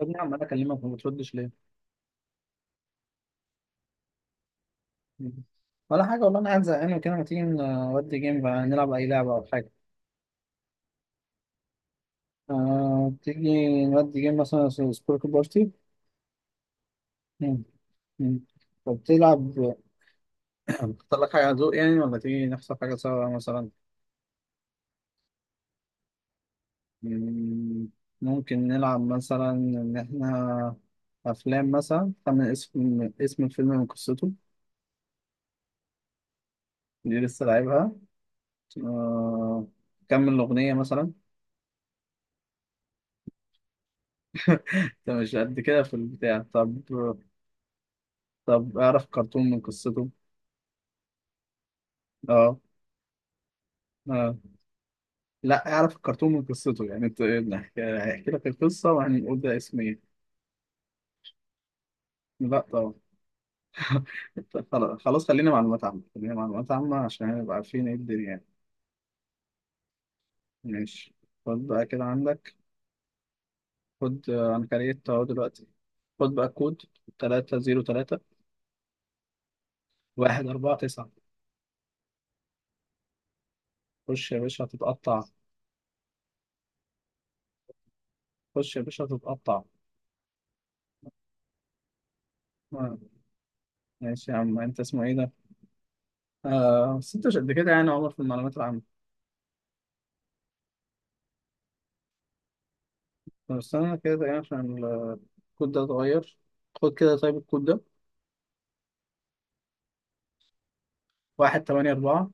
يا ابني عمال اكلمك وما بتردش ليه؟ ولا حاجة والله، أنا قاعد زهقان وكده. ما تيجي نودي جيم بقى نلعب أي لعبة أو حاجة؟ آه، تيجي نودي جيم مثلا سبورك بارتي. مم. مم. طب تلعب. تختار لك حاجة على ذوق يعني، ولا تيجي نختار حاجة سوا مثلا؟ مم. ممكن نلعب مثلا إن إحنا أفلام، مثلا خمن اسم الفيلم من قصته. دي لسه لعبها. آه. كمل الأغنية مثلا. أنت مش قد كده في البتاع طب. طب اعرف كرتون من قصته. اه. اه. لا، اعرف الكرتون من قصته يعني انت. هحكي لك القصه وهنقول ده اسم ايه. لا طبعا. خلاص خلاص، خلينا معلومات عامه، خلينا معلومات عامه عشان نبقى عارفين ايه الدنيا يعني. ماشي. خد بقى كده عندك. خد، انا كريت اهو دلوقتي. خد بقى كود 303 149. خش يا باشا هتتقطع. خش يا باشا هتتقطع. آه، ماشي يا عم، انت اسمه ايه ده؟ آه بس انت مش قد كده يعني يا عمر في المعلومات العامة. طب استنى كده دقيقة عشان الكود ده اتغير. خد كده طيب الكود ده واحد تمانية أربعة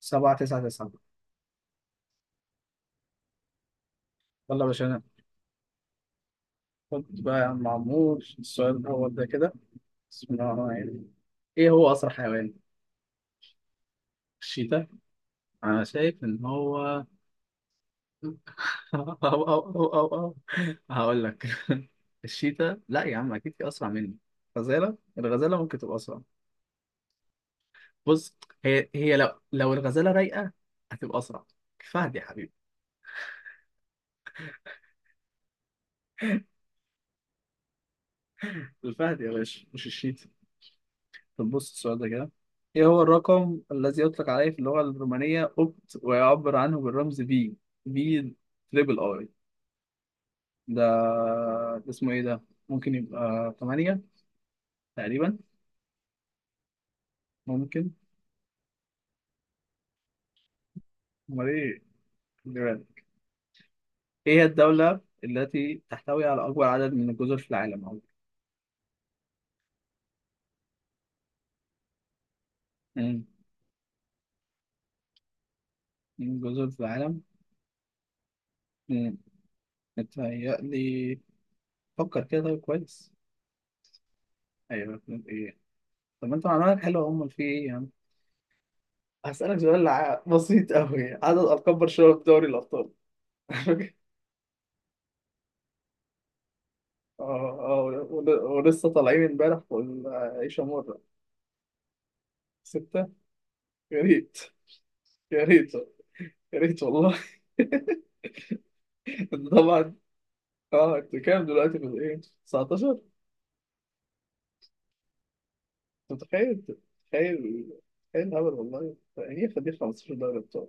سبعة تسعة تسعة يلا يا باشا. خد بقى يا عم عمور السؤال الأول ده كده: بسم الله الرحمن الرحيم، إيه هو أسرع حيوان؟ الشيتا. أنا شايف إن هو أو هقول لك. الشيتا لا يا عم، أكيد في أسرع مني. الغزالة ممكن تبقى أسرع. بص، هي لو الغزالة رايقة هتبقى أسرع. الفهد يا حبيبي. الفهد يا باشا مش الشيتا. طب بص السؤال ده كده: ايه هو الرقم الذي يطلق عليه في اللغة الرومانية اوبت ويعبر عنه بالرمز بي؟ بي تريبل اي. ده ده اسمه ايه ده. ممكن يبقى 8 تقريبا. ممكن. امال ايه. خلي بالك. ايه هي الدولة التي تحتوي على اكبر عدد من الجزر في العالم عموما؟ مم. من الجزر في العالم. مم. متهيألي. فكر كده طيب، كويس. ايوه. ايه. طب ما انت معلوماتك حلوة، امال في ايه. هسألك سؤال بسيط قوي: عدد ألقاب برشلونة في دوري الأبطال. اه. اه. ولسه طالعين امبارح والعيشة مرة. ستة. يا ريت، يا ريت، يا ريت والله. طبعا. اه، انتوا كام دلوقتي في الايه، 19؟ متخيل، تخيل، تخيل الهبل والله، يعني ياخد ليه 15 دوري ابطال.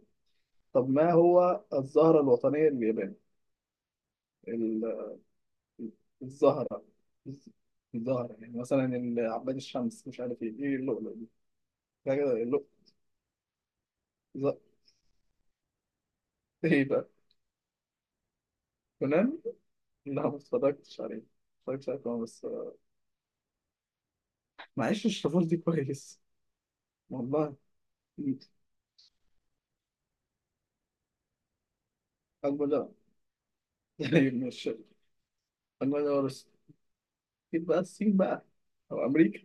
طب ما هو الزهرة الوطنية لليابان؟ ال- الزهرة. الزهرة يعني مثلا عباد الشمس، مش عارف ايه اللؤلؤ. لا كده لا. لا. ايه بقى. كونان. لا ما اتفرجتش عليه، ما اتفرجتش عليه كمان بس. ما عشتش الطفولة دي كويس والله. اكبر لا. طيب مش اكبر لا بس. اكيد بقى الصين بقى، او امريكا.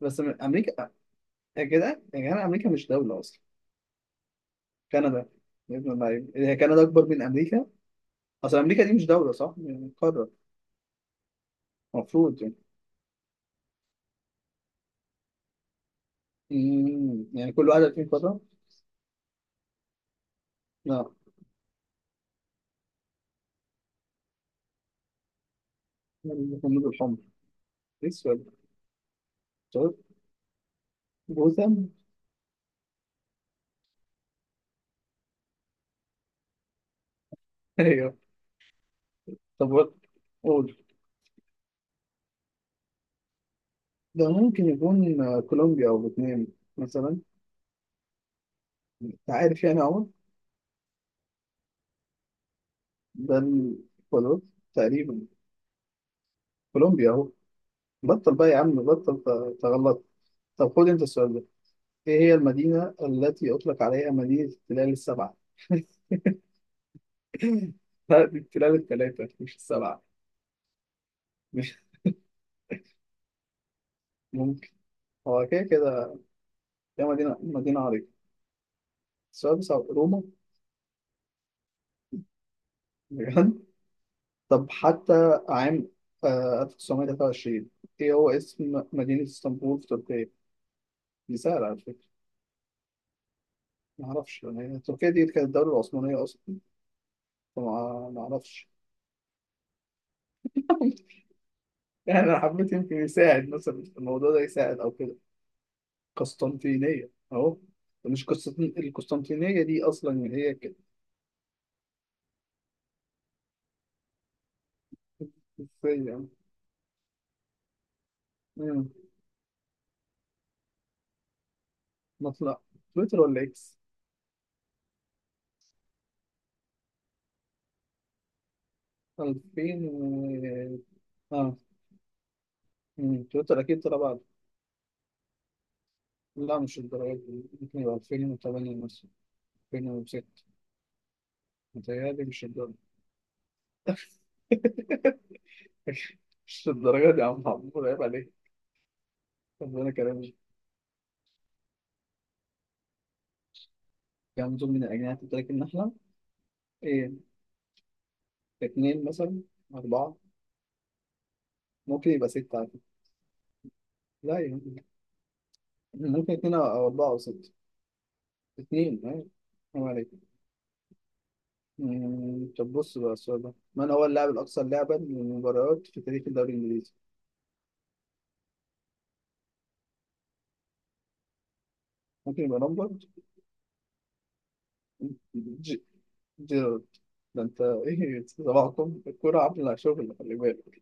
بس من امريكا. يا جدع يا جدع، امريكا مش دولة اصلا. كندا. يا ابن اللعيب، هي كندا اكبر من امريكا. اصل امريكا دي مش دولة، صح يعني، قارة. المفروض يعني. يعني كل واحدة فيهم قارة. لا. الخندق الحمر. ايه السؤال ده؟ جوثام. ايوه. طب قول. ده ممكن يكون كولومبيا أو فيتنام مثلا. أنت عارف يعني أهو. ده الحدود تقريبا. كولومبيا أهو. بطل بقى يا عم، بطل تغلط. طب خد أنت السؤال ده: إيه هي المدينة التي أطلق عليها مدينة التلال السبعة؟ لا دي التلال التلاتة مش السبعة. مش ممكن. هو كده كده. هي مدينة عريقة. السؤال بصعب. روما. بجد. طب حتى عام 1923، إيه هو اسم مدينة اسطنبول في تركيا؟ دي سهلة على فكرة. ما أعرفش، يعني تركيا دي كانت الدولة العثمانية أصلا، ما أعرفش. يعني أنا حبيت يمكن يساعد مثلا الموضوع ده يساعد أو كده. قسطنطينية أهو. مش القسطنطينية دي أصلا هي كده. إزاي يعني. مم. مطلع تويتر ولا إكس؟ 2000 و... آه تويتر أكيد طلع بعد. لا مش الدرجة دي، ممكن يبقى 2008 مثلا. 2006. متهيألي مش الدرجة. مش الدرجة دي يا عم عمور، عيب عليك. طب وانا كمان كام دول من الأجنحة بتاكل النحلة؟ إيه؟ اتنين مثلا؟ أربعة؟ ممكن يبقى ستة عادي. لا يعني ممكن اتنين أو أربعة أو ستة. اتنين أيوة. السلام عليكم. طب بص بقى السؤال ده: من هو اللاعب الأكثر لعبا للمباريات في تاريخ الدوري الإنجليزي؟ ممكن يبقى لامبرد؟ ج- جيرارد. ده أنت إيه، صباحكم الكورة عاملة شغل، خلي بالك.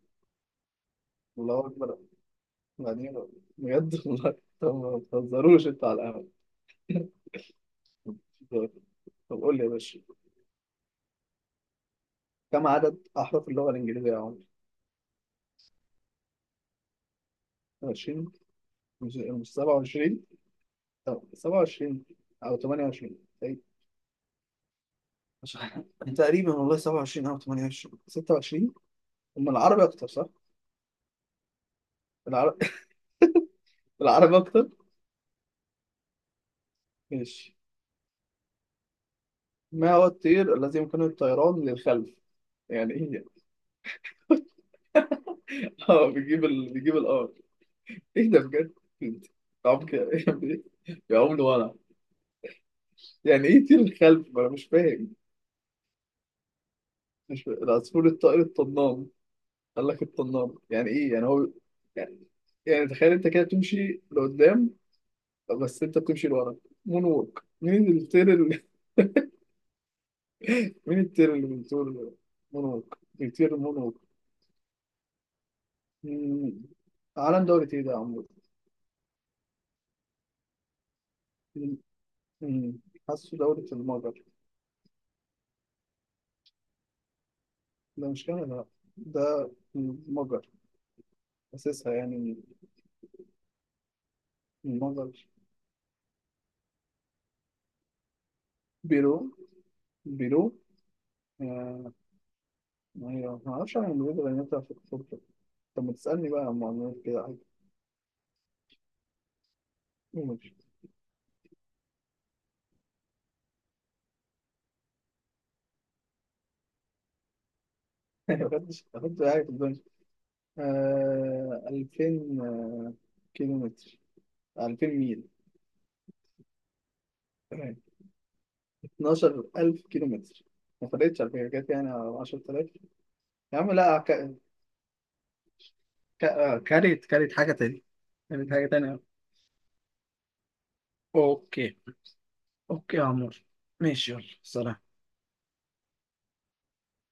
الله أكبر، يعني بجد والله. طب ما تهزروش أنتوا على القهوة. طب قول لي يا باشا: كم عدد أحرف اللغة الإنجليزية يا عمر؟ 20. مش 27، أو 27 أو 28 أي. مش عارف. تقريبا والله 27 أو 28، 26. أما العربي أكتر صح؟ العربي. العربي أكتر. ماشي. ما هو الطير الذي يمكنه الطيران للخلف؟ يعني إيه يعني؟ أه، بيجيب بيجيب الأرض. إيه ده بجد؟ أنت عمك يا عمر، وأنا يعني إيه طير الخلف؟ ما أنا مش فاهم. مش فاهم. العصفور الطائر الطنان. قال لك الطنان، يعني ايه يعني هو. يعني، يعني تخيل انت كده تمشي لقدام، بس انت بتمشي لورا. مون ووك، مين الطير اللي بيطير مين الطير اللي بيطير مون ووك. بيطير مون ووك. مم. عالم دولة ايه ده يا عمرو؟ مم. مم. حاسه دولة المجر. ده مش كندا. ده المجر أساسها يعني. المجر. بيرو. بيرو. آه، ما أعرفش عن المجر، لأن أنت في الخطة. طب ما تسألني بقى عن معلومات كده. عادي. خدتش خدت حاجة في الدنيا. 2000 كيلو متر. 2000 ميل. تمام. 12000 كيلو متر. ما فرقتش على فكرة، جت يعني 10000. يا عم لا، كاريت، كاريت حاجة تانية. كاريت حاجة تانية. أوكي. أوكي يا عمور. ماشي يلا سلام.